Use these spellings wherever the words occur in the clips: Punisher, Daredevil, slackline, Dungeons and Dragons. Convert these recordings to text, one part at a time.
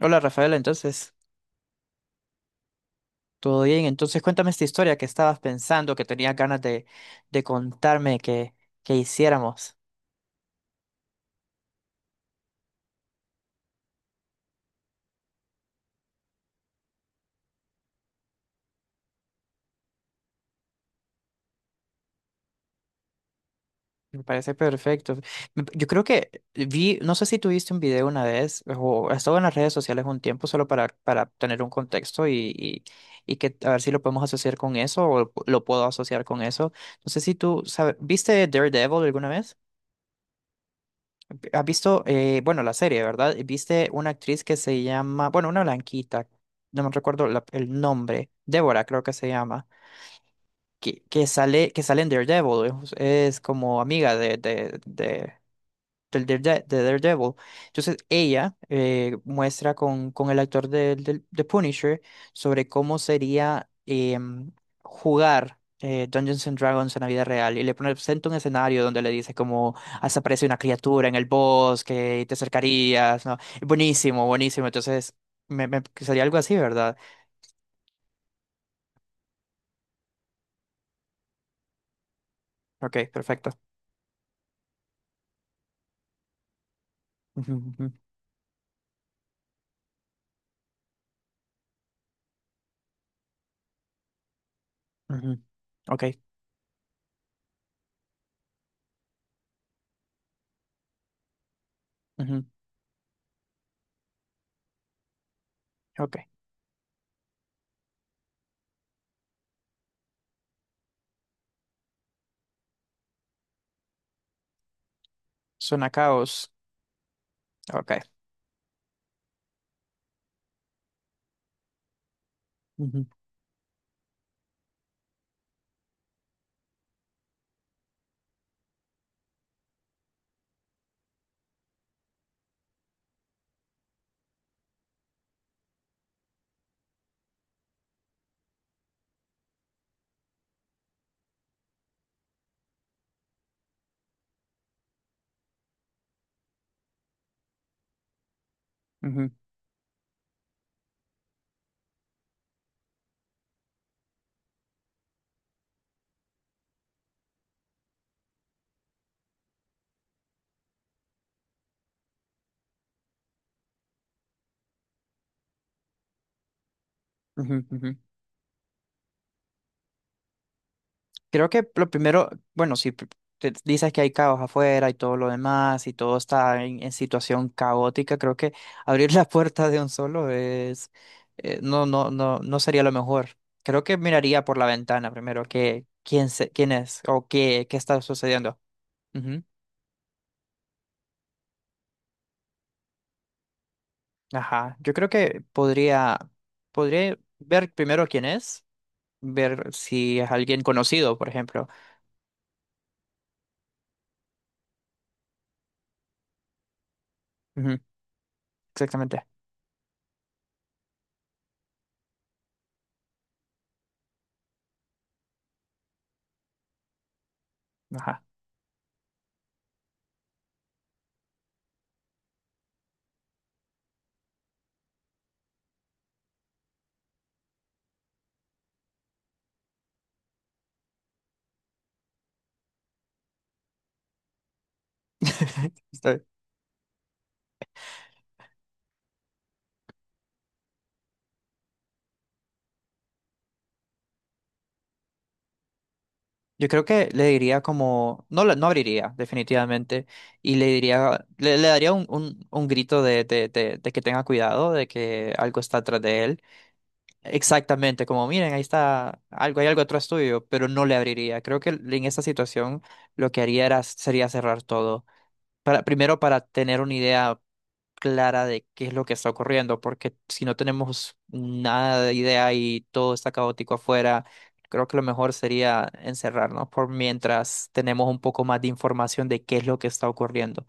Hola Rafaela, entonces, ¿todo bien? Entonces, cuéntame esta historia que estabas pensando, que tenías ganas de contarme que hiciéramos. Me parece perfecto. Yo creo que vi, no sé si tuviste un video una vez o estaba en las redes sociales un tiempo solo para tener un contexto y que a ver si lo podemos asociar con eso o lo puedo asociar con eso. No sé si tú, sabes, ¿viste Daredevil alguna vez? ¿Has visto, bueno, la serie, ¿verdad? ¿Viste una actriz que se llama, bueno, una blanquita, no me recuerdo el nombre, Débora creo que se llama, que sale en Daredevil, es como amiga de Daredevil. Entonces ella muestra con el actor Punisher sobre cómo sería jugar Dungeons and Dragons en la vida real y le presenta un escenario donde le dice como hasta aparece una criatura en el bosque y te acercarías, ¿no? Buenísimo, buenísimo. Entonces sería algo así, ¿verdad? Ok, perfecto. Ujú, ujú, ujú. Ok, ujú, ok. Suena a caos. Ok. Ujú, ujú, ujú, ujú. Creo que lo primero, bueno, si pr- te dices que hay caos afuera y todo lo demás y todo está en situación caótica, creo que abrir la puerta de un solo es, no, no, no, no sería lo mejor. Creo que miraría por la ventana primero que quién es o qué está sucediendo. Ujú. Ajá. Yo creo que podría ver primero quién es, ver si es alguien conocido, por ejemplo. Ujú, exactamente. Ajá. Está Yo creo que le diría como, no, no abriría definitivamente y le diría, le daría un grito de que tenga cuidado, de que algo está atrás de él. Exactamente, como miren, ahí está algo, hay algo atrás tuyo, pero no le abriría. Creo que en esta situación lo que haría sería cerrar todo primero para tener una idea clara de qué es lo que está ocurriendo, porque si no tenemos nada de idea y todo está caótico afuera, creo que lo mejor sería encerrarnos por mientras tenemos un poco más de información de qué es lo que está ocurriendo.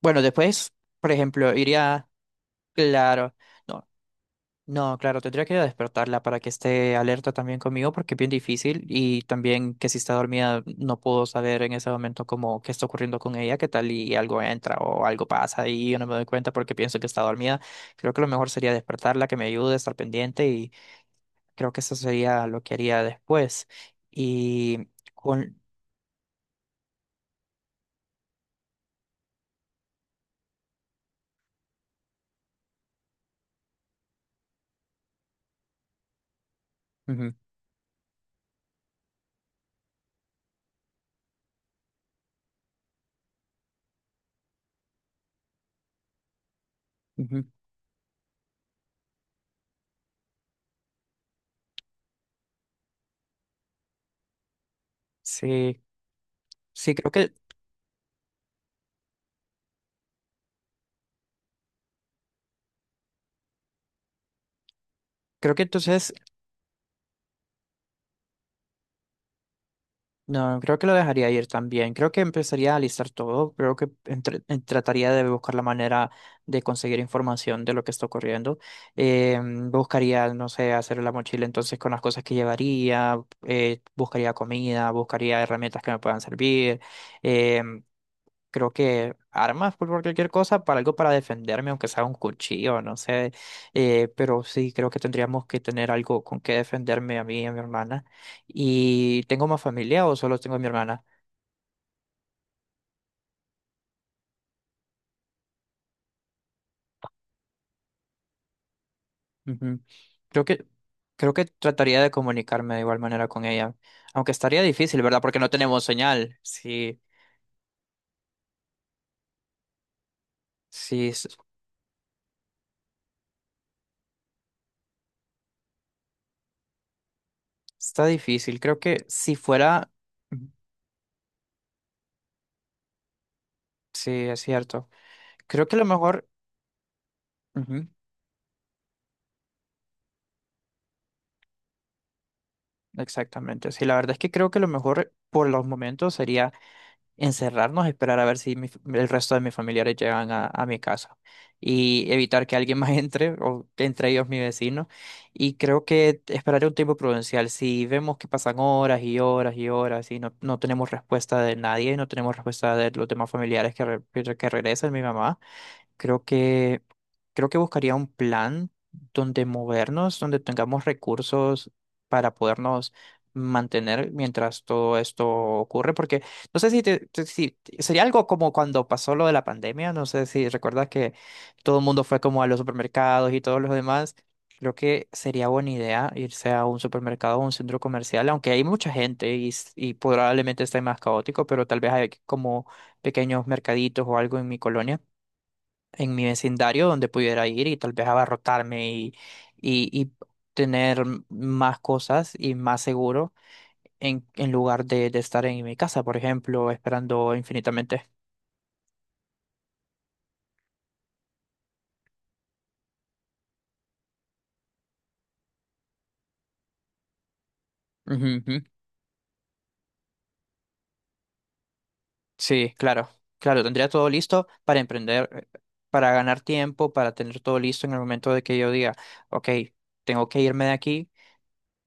Bueno, después, por ejemplo, iría, claro, no, No, claro, tendría que despertarla para que esté alerta también conmigo porque es bien difícil y también que si está dormida no puedo saber en ese momento como qué está ocurriendo con ella, qué tal y algo entra o algo pasa y yo no me doy cuenta porque pienso que está dormida. Creo que lo mejor sería despertarla, que me ayude a estar pendiente y creo que eso sería lo que haría después. Y con... Ujú, ujú. Sí, sí, creo que entonces... No, creo que lo dejaría ir también. Creo que empezaría a listar todo. Creo que trataría de buscar la manera de conseguir información de lo que está ocurriendo. Eh, buscaría, no sé, hacer la mochila entonces con las cosas que llevaría. Buscaría comida, buscaría herramientas que me puedan servir. eh, creo que armas pues, por cualquier cosa, para algo para defenderme, aunque sea un cuchillo, no sé. Pero sí, creo que tendríamos que tener algo con que defenderme a mí y a mi hermana. ¿Y tengo más familia o solo tengo a mi hermana? Ujú. Creo que, creo que trataría de comunicarme de igual manera con ella. Aunque estaría difícil, ¿verdad? Porque no tenemos señal. Sí, sí, está difícil. Creo que si fuera... Sí, es cierto. Creo que a lo mejor... Exactamente, sí, la verdad es que creo que lo mejor por los momentos sería encerrarnos, esperar a ver si el resto de mis familiares llegan a mi casa y evitar que alguien más entre, o entre ellos mi vecino. Y creo que esperaré un tiempo prudencial. Si vemos que pasan horas y horas y horas y no tenemos respuesta de nadie, no tenemos respuesta de los demás familiares que regresan, mi mamá. Creo que, creo que buscaría un plan donde movernos, donde tengamos recursos para podernos mantener mientras todo esto ocurre, porque no sé sería algo como cuando pasó lo de la pandemia, no sé si recuerdas que todo el mundo fue como a los supermercados y todos los demás. Creo que sería buena idea irse a un supermercado o un centro comercial, aunque hay mucha gente y probablemente esté más caótico, pero tal vez hay como pequeños mercaditos o algo en mi colonia en mi vecindario donde pudiera ir y tal vez abarrotarme y tener más cosas y más seguro en lugar de estar en mi casa, por ejemplo, esperando infinitamente. Ujú, ujú. Sí, claro, claro, tendría todo listo para emprender, para ganar tiempo, para tener todo listo en el momento de que yo diga, ok, tengo que irme de aquí.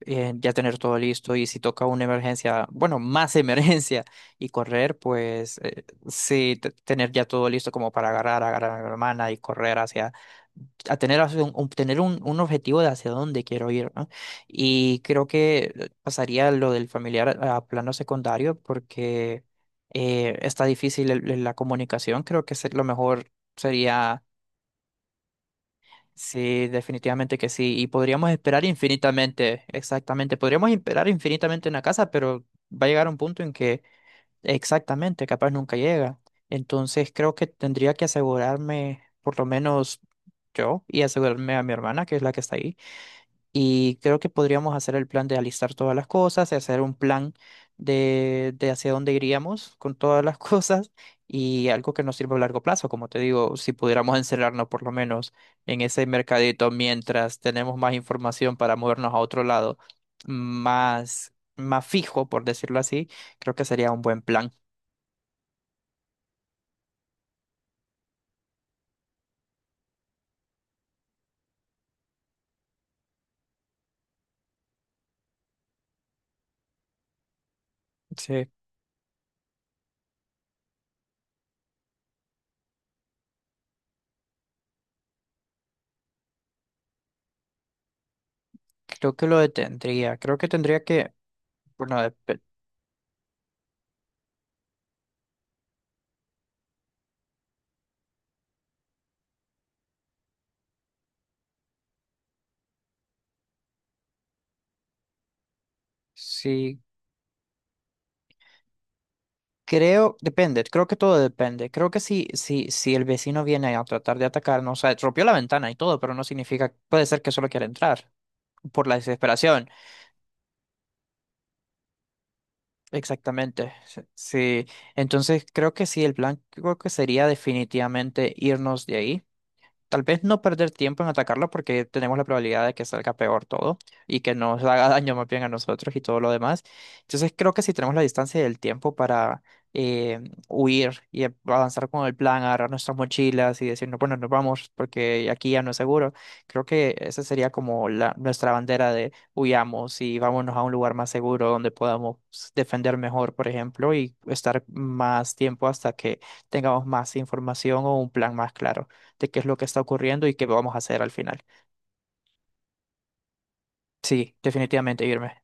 Ya tener todo listo y si toca una emergencia, bueno, más emergencia y correr, pues sí, tener ya todo listo como para agarrar a mi hermana y correr hacia, a tener, hacia un- tener un objetivo de hacia dónde quiero ir, ¿no? Y creo que pasaría lo del familiar a plano secundario porque está difícil la comunicación, creo que lo mejor sería. Sí, definitivamente que sí. Y podríamos esperar infinitamente, exactamente. Podríamos esperar infinitamente una casa, pero va a llegar un punto en que exactamente, capaz nunca llega. Entonces creo que tendría que asegurarme, por lo menos yo, y asegurarme a mi hermana, que es la que está ahí. Y creo que podríamos hacer el plan de alistar todas las cosas, de hacer un plan de hacia dónde iríamos con todas las cosas y algo que nos sirva a largo plazo. Como te digo, si pudiéramos encerrarnos por lo menos en ese mercadito mientras tenemos más información para movernos a otro lado, más fijo, por decirlo así, creo que sería un buen plan. Sí, creo que lo detendría. Creo que tendría que, bueno, sí. Creo, depende, creo que todo depende. Creo que si, el vecino viene a tratar de atacarnos, o sea, rompió la ventana y todo, pero no significa, puede ser que solo quiera entrar por la desesperación. Exactamente. Sí. Sí. Entonces creo que sí, el plan creo que sería definitivamente irnos de ahí. Tal vez no perder tiempo en atacarlo porque tenemos la probabilidad de que salga peor todo y que nos haga daño más bien a nosotros y todo lo demás. Entonces creo que si tenemos la distancia y el tiempo para eh, huir y avanzar con el plan, agarrar nuestras mochilas y decir, no, bueno, nos vamos porque aquí ya no es seguro, creo que esa sería como nuestra bandera de huyamos y vámonos a un lugar más seguro donde podamos defender mejor, por ejemplo, y estar más tiempo hasta que tengamos más información o un plan más claro de qué es lo que está ocurriendo y qué vamos a hacer al final. Sí, definitivamente irme.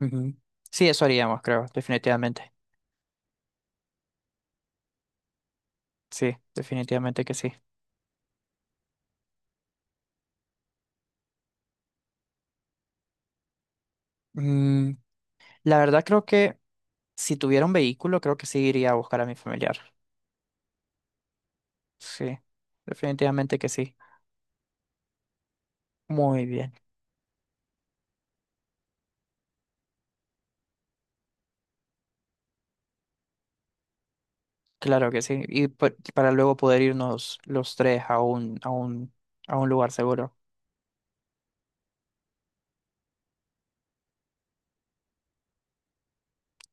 Ujú. Sí, eso haríamos, creo, definitivamente. Sí, definitivamente que sí. Mm, la verdad creo que si tuviera un vehículo, creo que sí iría a buscar a mi familiar. Sí, definitivamente que sí. Muy bien, claro que sí. Y para luego poder irnos los tres a un lugar seguro.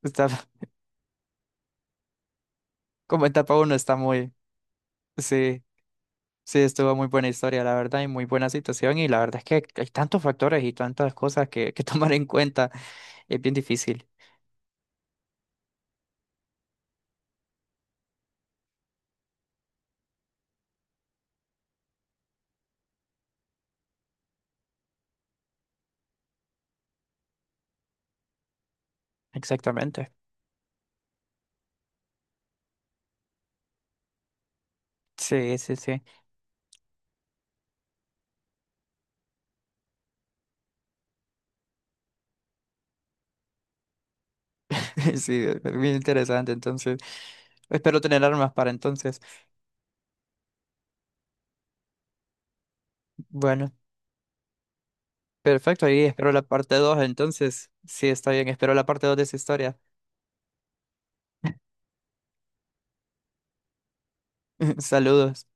Está, como etapa uno está muy... Sí. Sí, estuvo muy buena historia, la verdad, y muy buena situación. Y la verdad es que hay tantos factores y tantas cosas que tomar en cuenta. Es bien difícil. Exactamente. Sí, sí, sí. Sí, es bien interesante. Entonces, espero tener armas para entonces. Bueno, perfecto. Y espero la parte dos. Entonces, sí, está bien. Espero la parte 2 de esa historia. Saludos.